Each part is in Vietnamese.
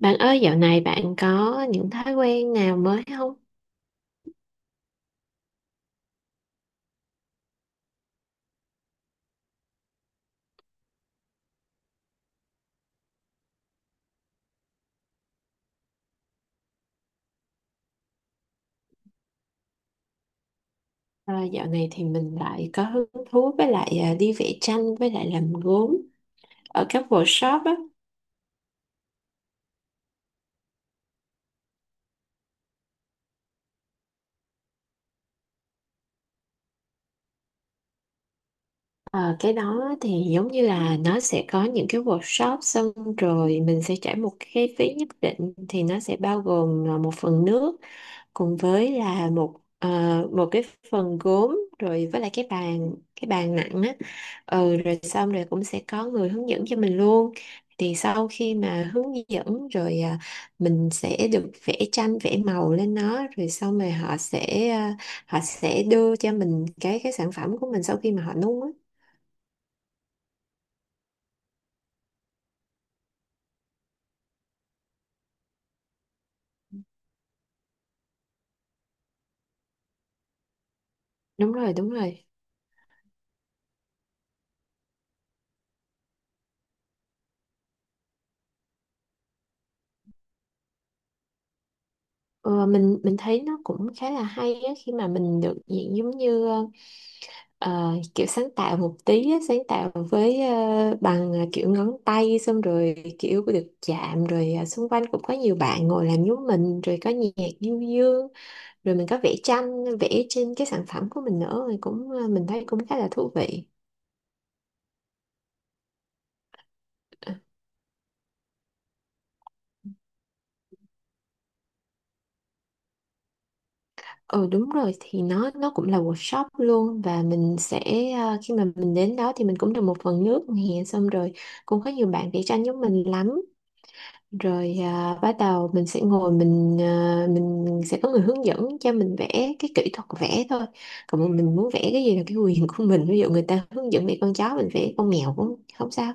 Bạn ơi, dạo này bạn có những thói quen nào mới không? À, dạo này thì mình lại có hứng thú với lại đi vẽ tranh với lại làm gốm ở các workshop á. Ờ, cái đó thì giống như là nó sẽ có những cái workshop xong rồi mình sẽ trả một cái phí nhất định thì nó sẽ bao gồm một phần nước cùng với là một cái phần gốm rồi với lại cái bàn nặng á. Ừ rồi xong rồi cũng sẽ có người hướng dẫn cho mình luôn, thì sau khi mà hướng dẫn mình sẽ được vẽ tranh vẽ màu lên nó rồi xong rồi họ sẽ đưa cho mình cái sản phẩm của mình sau khi mà họ nung á. Đúng rồi, đúng rồi. Ờ, mình thấy nó cũng khá là hay á khi mà mình được diện giống như ờ, kiểu sáng tạo một tí á, sáng tạo với bằng kiểu ngón tay xong rồi kiểu được chạm rồi xung quanh cũng có nhiều bạn ngồi làm giống mình rồi có nhạc du dương, rồi mình có vẽ tranh vẽ trên cái sản phẩm của mình nữa thì cũng mình thấy cũng khá là thú vị. Ờ, ừ đúng rồi, thì nó cũng là workshop luôn. Và khi mà mình đến đó thì mình cũng được một phần nước nè, xong rồi cũng có nhiều bạn vẽ tranh giống mình lắm, bắt đầu mình sẽ ngồi, mình sẽ có người hướng dẫn cho mình vẽ cái kỹ thuật vẽ thôi. Còn mà mình muốn vẽ cái gì là cái quyền của mình, ví dụ người ta hướng dẫn để con chó mình vẽ con mèo cũng không sao.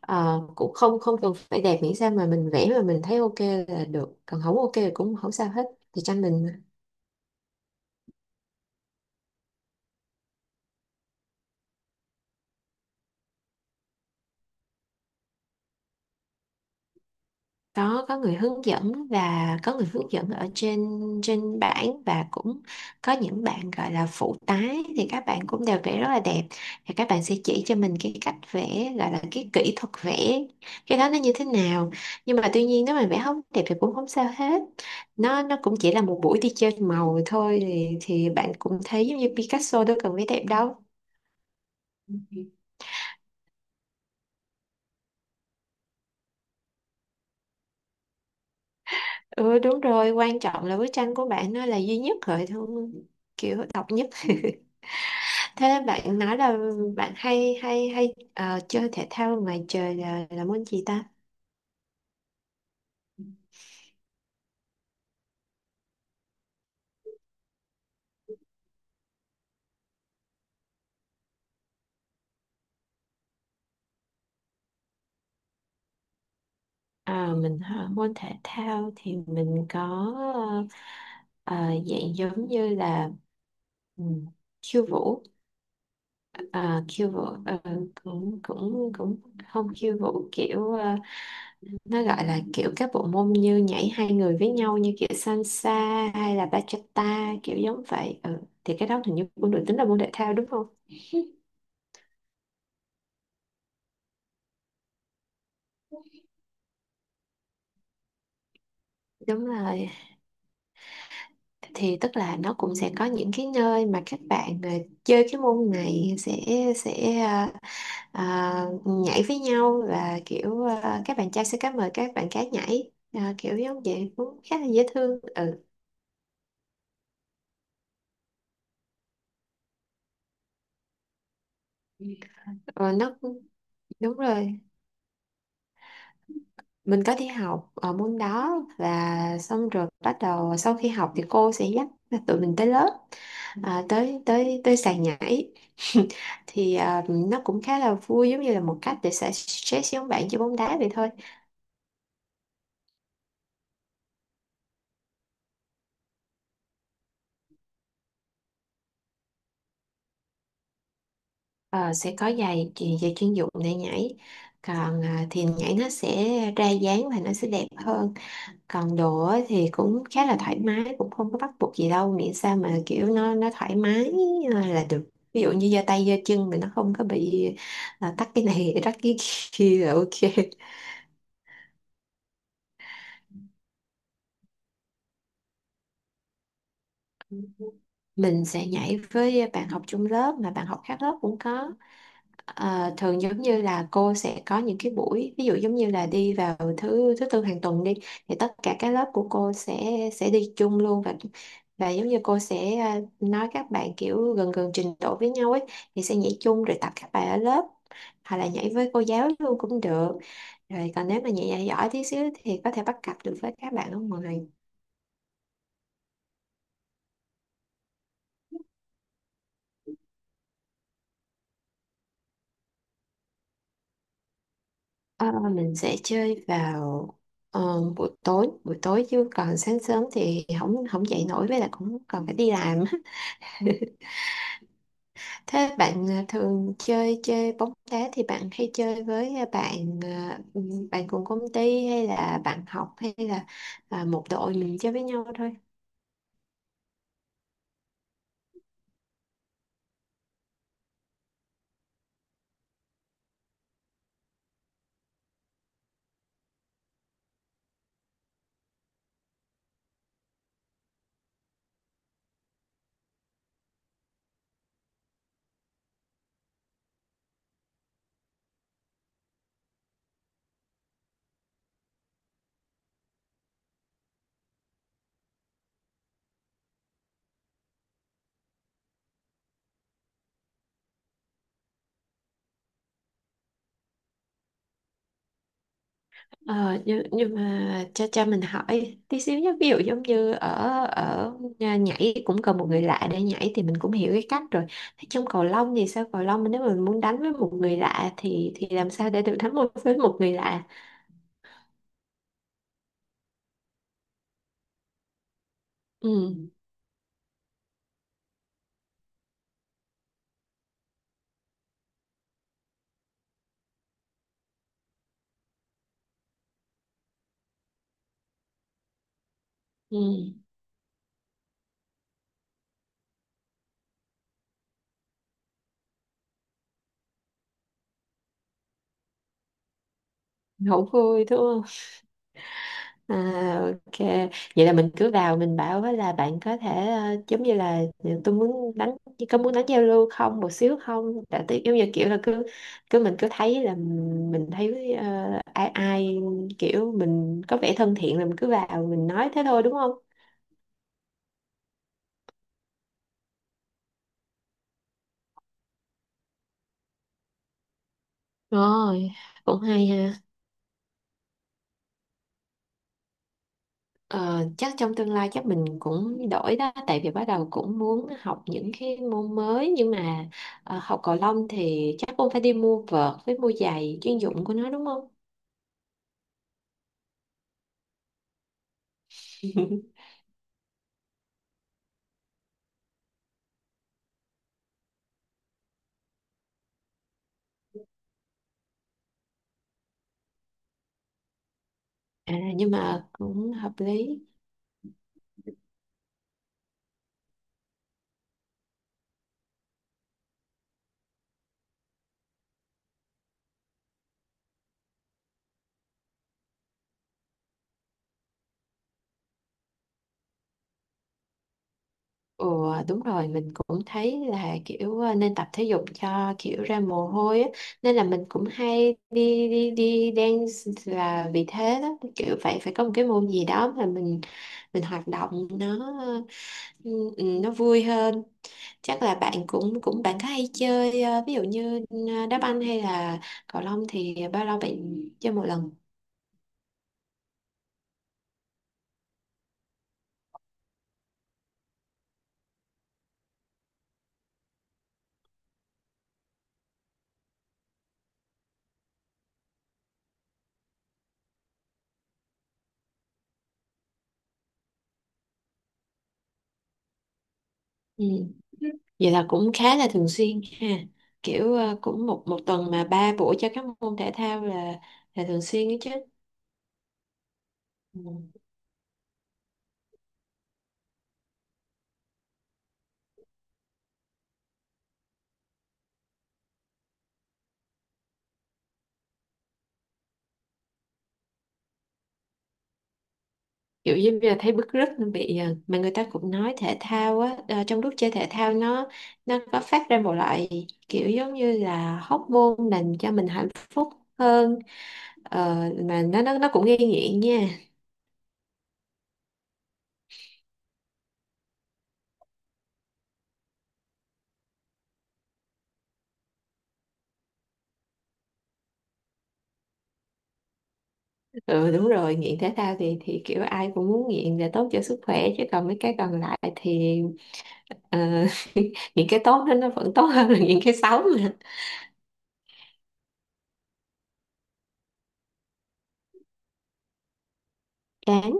Ờ, cũng không không cần phải đẹp, miễn sao mà mình vẽ mà mình thấy ok là được, còn không ok thì cũng không sao hết, thì cho mình. Đó, có người hướng dẫn, và có người hướng dẫn ở trên trên bảng, và cũng có những bạn gọi là phụ tái thì các bạn cũng đều vẽ rất là đẹp, thì các bạn sẽ chỉ cho mình cái cách vẽ gọi là cái kỹ thuật vẽ, cái đó nó như thế nào. Nhưng mà tuy nhiên nếu mà vẽ không đẹp thì cũng không sao hết, nó cũng chỉ là một buổi đi chơi màu thôi, thì bạn cũng thấy giống như Picasso đâu cần vẽ đẹp đâu. Ừ đúng rồi, quan trọng là bức tranh của bạn nó là duy nhất rồi thôi, kiểu độc nhất. Thế bạn nói là bạn hay hay hay ờ, chơi thể thao ngoài trời là môn gì ta? À, mình hả? Môn thể thao thì mình có ờ, dạng giống như là ừ, khiêu vũ, khiêu vũ, ờ, cũng cũng cũng không khiêu vũ kiểu nó gọi là kiểu các bộ môn như nhảy hai người với nhau, như kiểu salsa hay là bachata kiểu giống vậy ừ. Thì cái đó hình như cũng được tính là môn thể thao đúng không? Đúng rồi, thì tức là nó cũng sẽ có những cái nơi mà các bạn chơi cái môn này sẽ nhảy với nhau, và kiểu các bạn trai sẽ cá mời các bạn gái nhảy. Ờ, Kiểu giống vậy cũng khá là dễ thương ừ. Ờ, nó cũng- Đúng rồi, mình có đi học ở môn đó, và xong rồi bắt đầu sau khi học thì cô sẽ dắt tụi mình tới lớp, tới tới tới sàn nhảy. Thì nó cũng khá là vui, giống như là một cách để xả stress với ông bạn chơi bóng đá vậy thôi. Ờ, sẽ có giày chuyên dụng để nhảy, còn thì nhảy nó sẽ ra dáng và nó sẽ đẹp hơn. Còn đồ á thì cũng khá là thoải mái, cũng không có bắt buộc gì đâu, miễn sao mà kiểu nó thoải mái, là được, ví dụ như giơ tay giơ chân mình nó không có bị tắt cái này tắt cái kia là ok. Mình sẽ nhảy với bạn học chung lớp, mà bạn học khác lớp cũng có. À, thường giống như là cô sẽ có những cái buổi, ví dụ giống như là đi vào thứ thứ tư hàng tuần đi, thì tất cả các lớp của cô sẽ đi chung luôn, và giống như cô sẽ nói các bạn kiểu gần gần trình độ với nhau ấy thì sẽ nhảy chung rồi tập các bài ở lớp, hoặc là nhảy với cô giáo luôn cũng được, rồi còn nếu mà nhảy giỏi tí xíu thì có thể bắt cặp được với các bạn ở ngoài. Ờ, mình sẽ chơi vào ờ, buổi tối, chứ còn sáng sớm thì không không dậy nổi, với lại cũng còn phải đi làm á. Thế bạn thường chơi chơi bóng đá thì bạn hay chơi với bạn cùng công ty hay là bạn học, hay là một đội mình chơi với nhau thôi? Ờ, nhưng mà cha cha mình hỏi tí xíu nhé, ví dụ giống như ở ở nhà nhảy cũng cần một người lạ để nhảy thì mình cũng hiểu cái cách rồi. Thế trong cầu lông thì sao? Cầu lông mà nếu mà mình muốn đánh với một người lạ thì làm sao để được đánh một với một người lạ? Ừ, ừ. Hậu vui thôi. À, ok, vậy là mình cứ vào mình bảo với là bạn có thể giống như là tôi muốn đánh, có muốn đánh giao lưu không một xíu không, tại tôi giống như kiểu là cứ cứ mình cứ thấy là mình thấy ai ai kiểu mình có vẻ thân thiện là mình cứ vào mình nói thế thôi, đúng không? Rồi, cũng hay ha. Ờ, chắc trong tương lai chắc mình cũng đổi đó, tại vì bắt đầu cũng muốn học những cái môn mới, nhưng mà học cầu lông thì chắc cũng phải đi mua vợt với mua giày chuyên dụng của nó đúng không? À, nhưng mà cũng hợp lý. Ồ đúng rồi, mình cũng thấy là kiểu nên tập thể dục cho kiểu ra mồ hôi á. Nên là mình cũng hay đi đi đi dance là vì thế đó, kiểu phải phải có một cái môn gì đó mà mình hoạt động nó. Ừ, ừ, nó vui hơn. Chắc là bạn cũng cũng bạn có hay chơi ví dụ như đá banh hay là cầu lông thì bao lâu bạn chơi một lần? Ừ. Vậy là cũng khá là thường xuyên ha, kiểu cũng một một tuần mà ba buổi cho các môn thể thao là thường xuyên đó chứ. Ừ. Kiểu như bây giờ thấy bứt rứt nó bị mà người ta cũng nói thể thao á, trong lúc chơi thể thao nó có phát ra một loại kiểu giống như là hormone môn làm cho mình hạnh phúc hơn. Ờ, mà nó cũng gây nghiện nha. Ừ đúng rồi, nghiện thể thao thì kiểu ai cũng muốn nghiện để tốt cho sức khỏe, chứ còn mấy cái còn lại thì ờ, những cái tốt đó nó vẫn tốt hơn là những cái xấu mà. Đáng,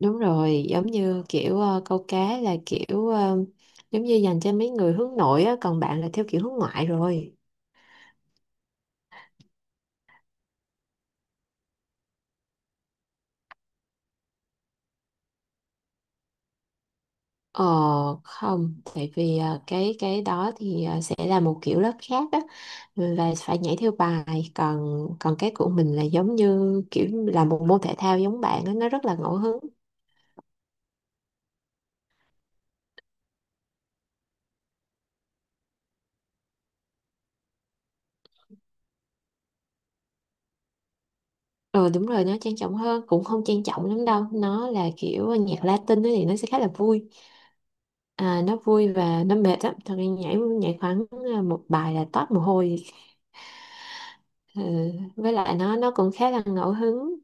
đúng rồi, giống như kiểu câu cá là kiểu giống như dành cho mấy người hướng nội á, còn bạn là theo kiểu hướng ngoại rồi. Ờ không, tại vì cái đó thì sẽ là một kiểu lớp khác á, và phải nhảy theo bài, còn còn cái của mình là giống như kiểu là một môn thể thao giống bạn á, nó rất là ngẫu hứng. Ờ đúng rồi, nó trang trọng hơn, cũng không trang trọng lắm đâu, nó là kiểu nhạc Latin ấy thì nó sẽ khá là vui. Nó vui và nó mệt lắm thật ra, nhảy nhảy khoảng một bài là toát mồ hôi. Ừ. Với lại nó cũng khá là ngẫu hứng.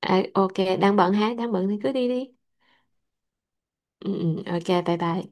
À, ok. Đang bận hả? Đang bận thì cứ đi đi. Ừ, ừ, ok, bye bye.